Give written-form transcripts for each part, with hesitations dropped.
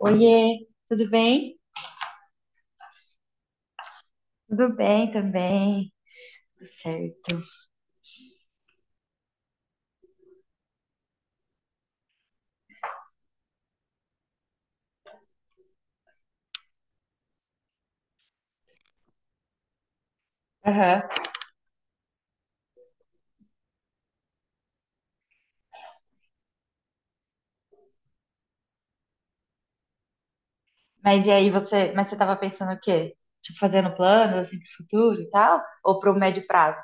Oiê, tudo bem? Tudo bem também, tudo certo. Aham. Mas e aí você tava pensando o quê? Tipo, fazendo planos assim pro futuro e tal? Ou pro médio prazo?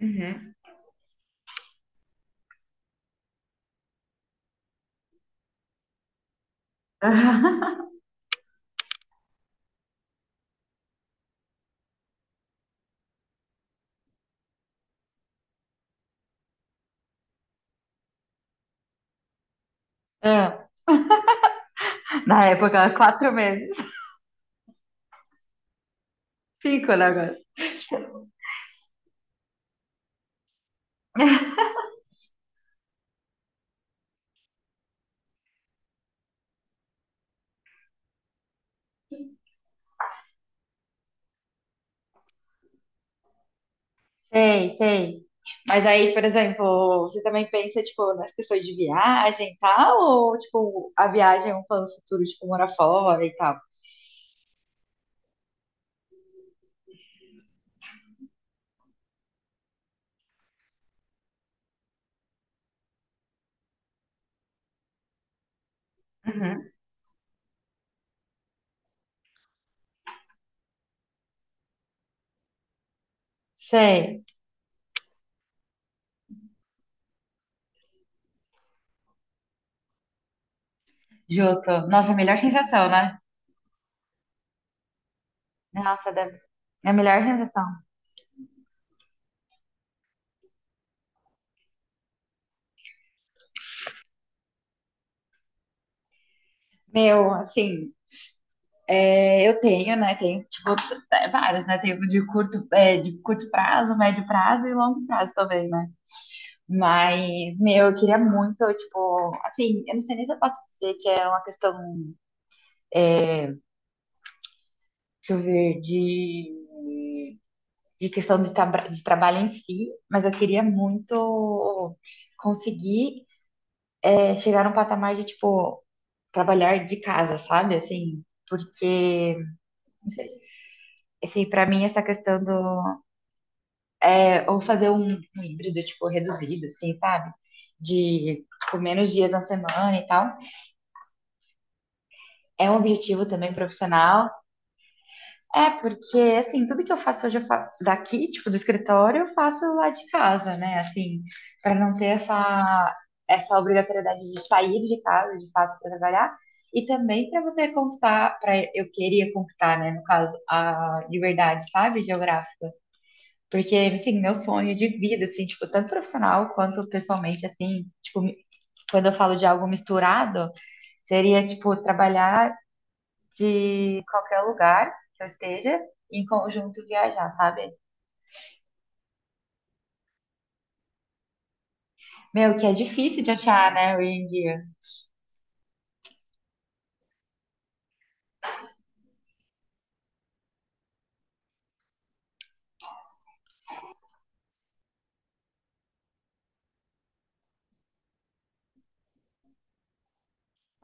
Uhum. Ah, na época, 4 meses. Cinco, né, agora? Sei, sei. Mas aí, por exemplo, você também pensa, tipo, nas questões de viagem e tal? Ou, tipo, a viagem é um plano futuro, tipo, morar fora e tal? Uhum. Sei, justo. Nossa, melhor sensação, né? Nossa, é a melhor sensação. Meu, assim, é, eu tenho, né? Tenho, tipo, é, vários, né? Tenho de curto prazo, médio prazo e longo prazo também, né? Mas, meu, eu queria muito, tipo, assim, eu não sei nem se eu posso dizer que é uma questão, deixa eu ver, de, questão de, de trabalho em si, mas eu queria muito conseguir, chegar num patamar de, tipo, trabalhar de casa, sabe? Assim, porque, assim, para mim essa questão do, ou fazer um híbrido tipo reduzido, assim, sabe? De tipo, menos dias na semana e tal. É um objetivo também profissional. É porque assim, tudo que eu faço hoje eu faço daqui, tipo do escritório, eu faço lá de casa, né? Assim, para não ter essa obrigatoriedade de sair de casa, de fato, para trabalhar. E também para eu queria conquistar, né, no caso, a liberdade, sabe, geográfica. Porque, assim, meu sonho de vida, assim, tipo, tanto profissional quanto pessoalmente, assim, tipo, quando eu falo de algo misturado, seria, tipo, trabalhar de qualquer lugar que eu esteja, e em conjunto viajar, sabe? Meu, que é difícil de achar, né, hoje em dia.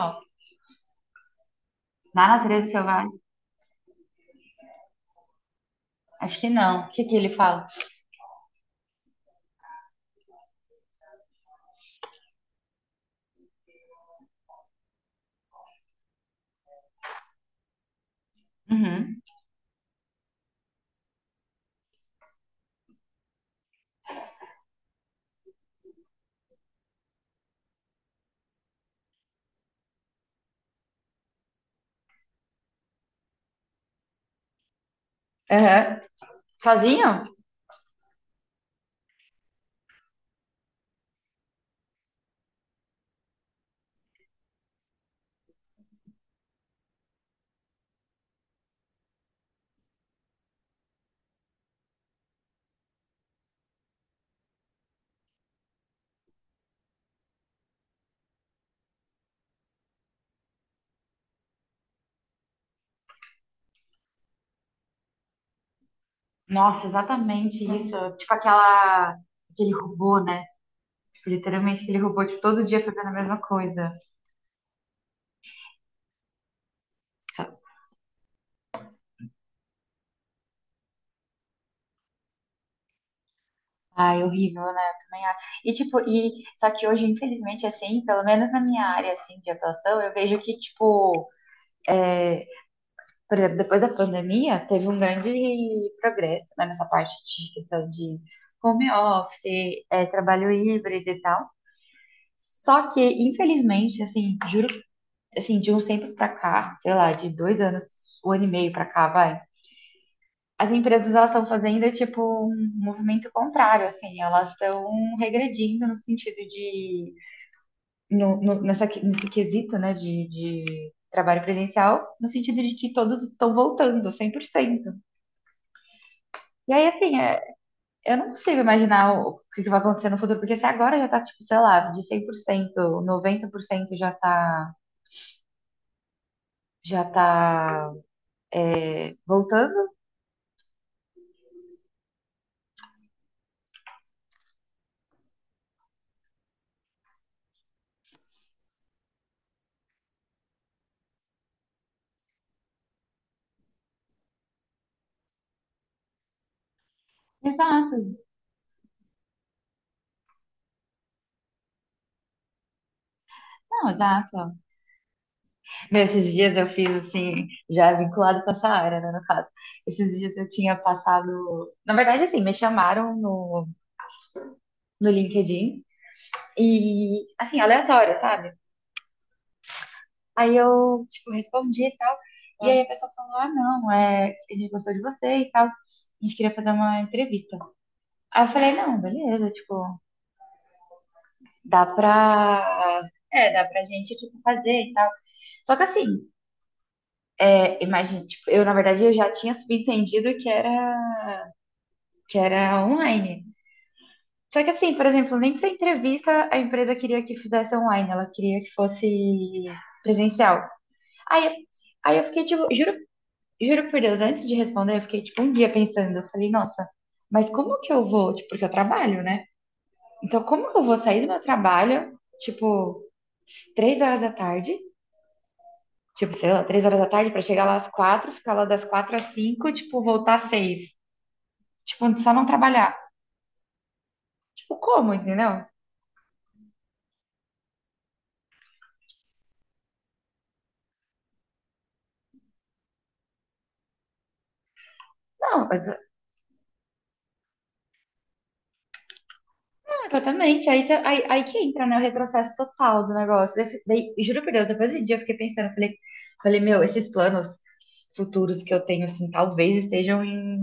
Ó, na natureza selvagem? Acho que não. O que que ele fala? Uhum. Aham. Sozinho? Nossa, exatamente isso. Tipo, aquele robô, né? Tipo, literalmente aquele robô, tipo, todo dia fazendo a mesma coisa. Ai, horrível, né? Eu também acho. E tipo, e só que hoje, infelizmente, assim, pelo menos na minha área assim de atuação, eu vejo que tipo, é, por exemplo, depois da pandemia, teve um grande progresso, né, nessa parte de questão de home office, trabalho híbrido e tal. Só que, infelizmente, assim, juro, assim, de uns tempos pra cá, sei lá, de 2 anos, 1 ano e meio pra cá, vai. As empresas elas estão fazendo é, tipo um movimento contrário, assim, elas estão regredindo no sentido de nesse quesito, né, de trabalho presencial, no sentido de que todos estão voltando 100%. E aí, assim, eu não consigo imaginar que vai acontecer no futuro, porque se agora já tá, tipo, sei lá, de 100%, 90% já tá já tá voltando. Exato. Não, exato. Esses dias eu fiz assim, já vinculado com essa área, né, no caso. Esses dias eu tinha passado. Na verdade, assim, me chamaram no LinkedIn e, assim, aleatório, sabe? Aí eu, tipo, respondi e tal. E aí a pessoa falou: ah, não, a gente gostou de você e tal. A gente queria fazer uma entrevista. Aí eu falei: não, beleza, tipo, dá pra. É, dá pra gente, tipo, fazer e tal. Só que assim, imagina, tipo, eu, na verdade, eu já tinha subentendido que era online. Só que assim, por exemplo, nem para entrevista a empresa queria que fizesse online, ela queria que fosse presencial. Aí, aí eu fiquei tipo, juro por Deus, antes de responder, eu fiquei tipo um dia pensando, eu falei, nossa, mas como que eu vou? Tipo, porque eu trabalho, né? Então, como que eu vou sair do meu trabalho, tipo, 3 horas da tarde, tipo, sei lá, 3 horas da tarde para chegar lá às quatro, ficar lá das quatro às cinco, tipo, voltar às seis. Tipo, só não trabalhar. Tipo, como, entendeu? Não, mas exatamente, aí que entra, né, o retrocesso total do negócio. Daí, juro por Deus, depois desse dia eu fiquei pensando, eu falei, meu, esses planos futuros que eu tenho, assim, talvez estejam em,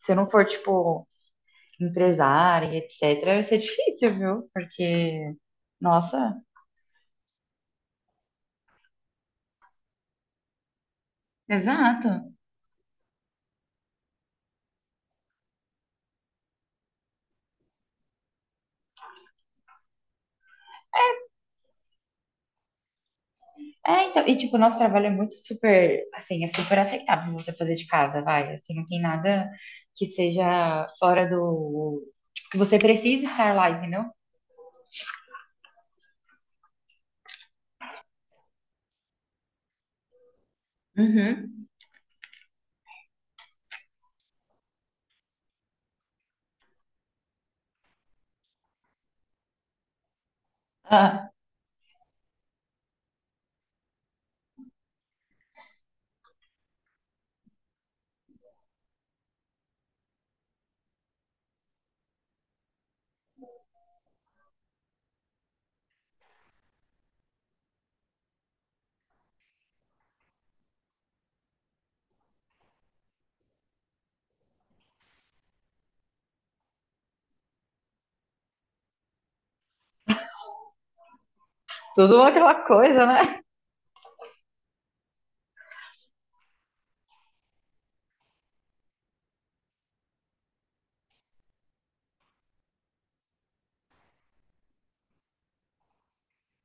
se eu não for, tipo, empresária, etc., vai ser difícil, viu? Porque, nossa, exato. É, então, e, tipo, o nosso trabalho é muito super, assim, é super aceitável você fazer de casa, vai, assim, não tem nada que seja fora do, tipo, que você precisa estar lá, entendeu? Uhum. Ah, tudo aquela coisa, né?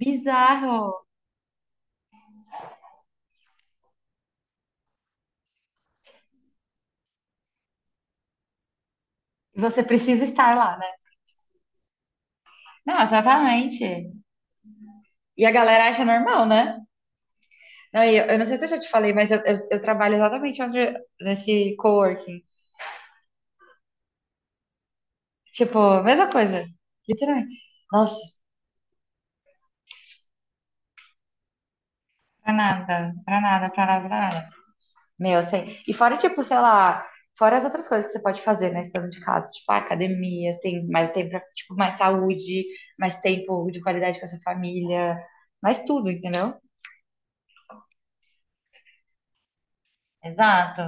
Bizarro. Você precisa estar lá, né? Não, exatamente. E a galera acha normal, né? Não, e eu não sei se eu já te falei, mas eu trabalho exatamente onde, nesse coworking. Tipo, mesma coisa. Literalmente. Nossa, pra nada, pra nada, pra nada, pra nada. Meu, assim. E fora, tipo, sei lá, fora as outras coisas que você pode fazer, né, estando de casa. Tipo, ah, academia, assim, mais tempo pra, tipo, mais saúde, mais tempo de qualidade com a sua família, mais tudo, entendeu? Exato,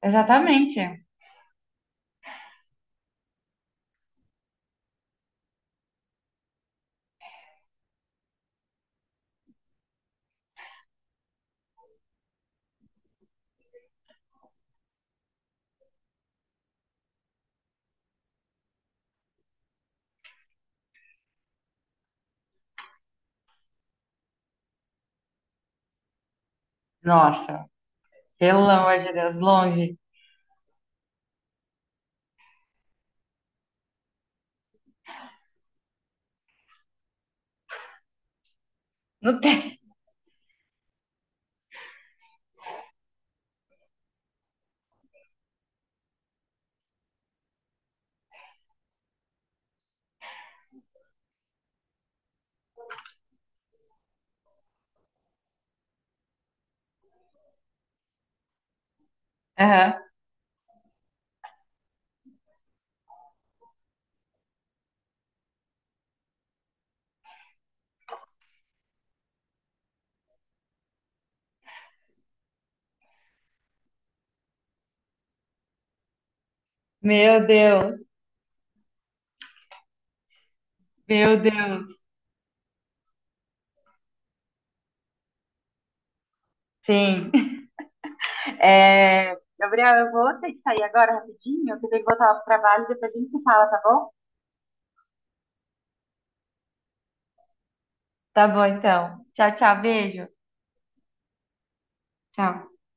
exatamente. Nossa, pelo amor de Deus, longe. Não tem. Aham. Meu Deus, meu Deus. Sim. É, Gabriel, eu vou ter que sair agora rapidinho, que eu tenho que voltar pro trabalho, e depois a gente se fala, tá bom? Tá bom então. Tchau, tchau, beijo. Tchau.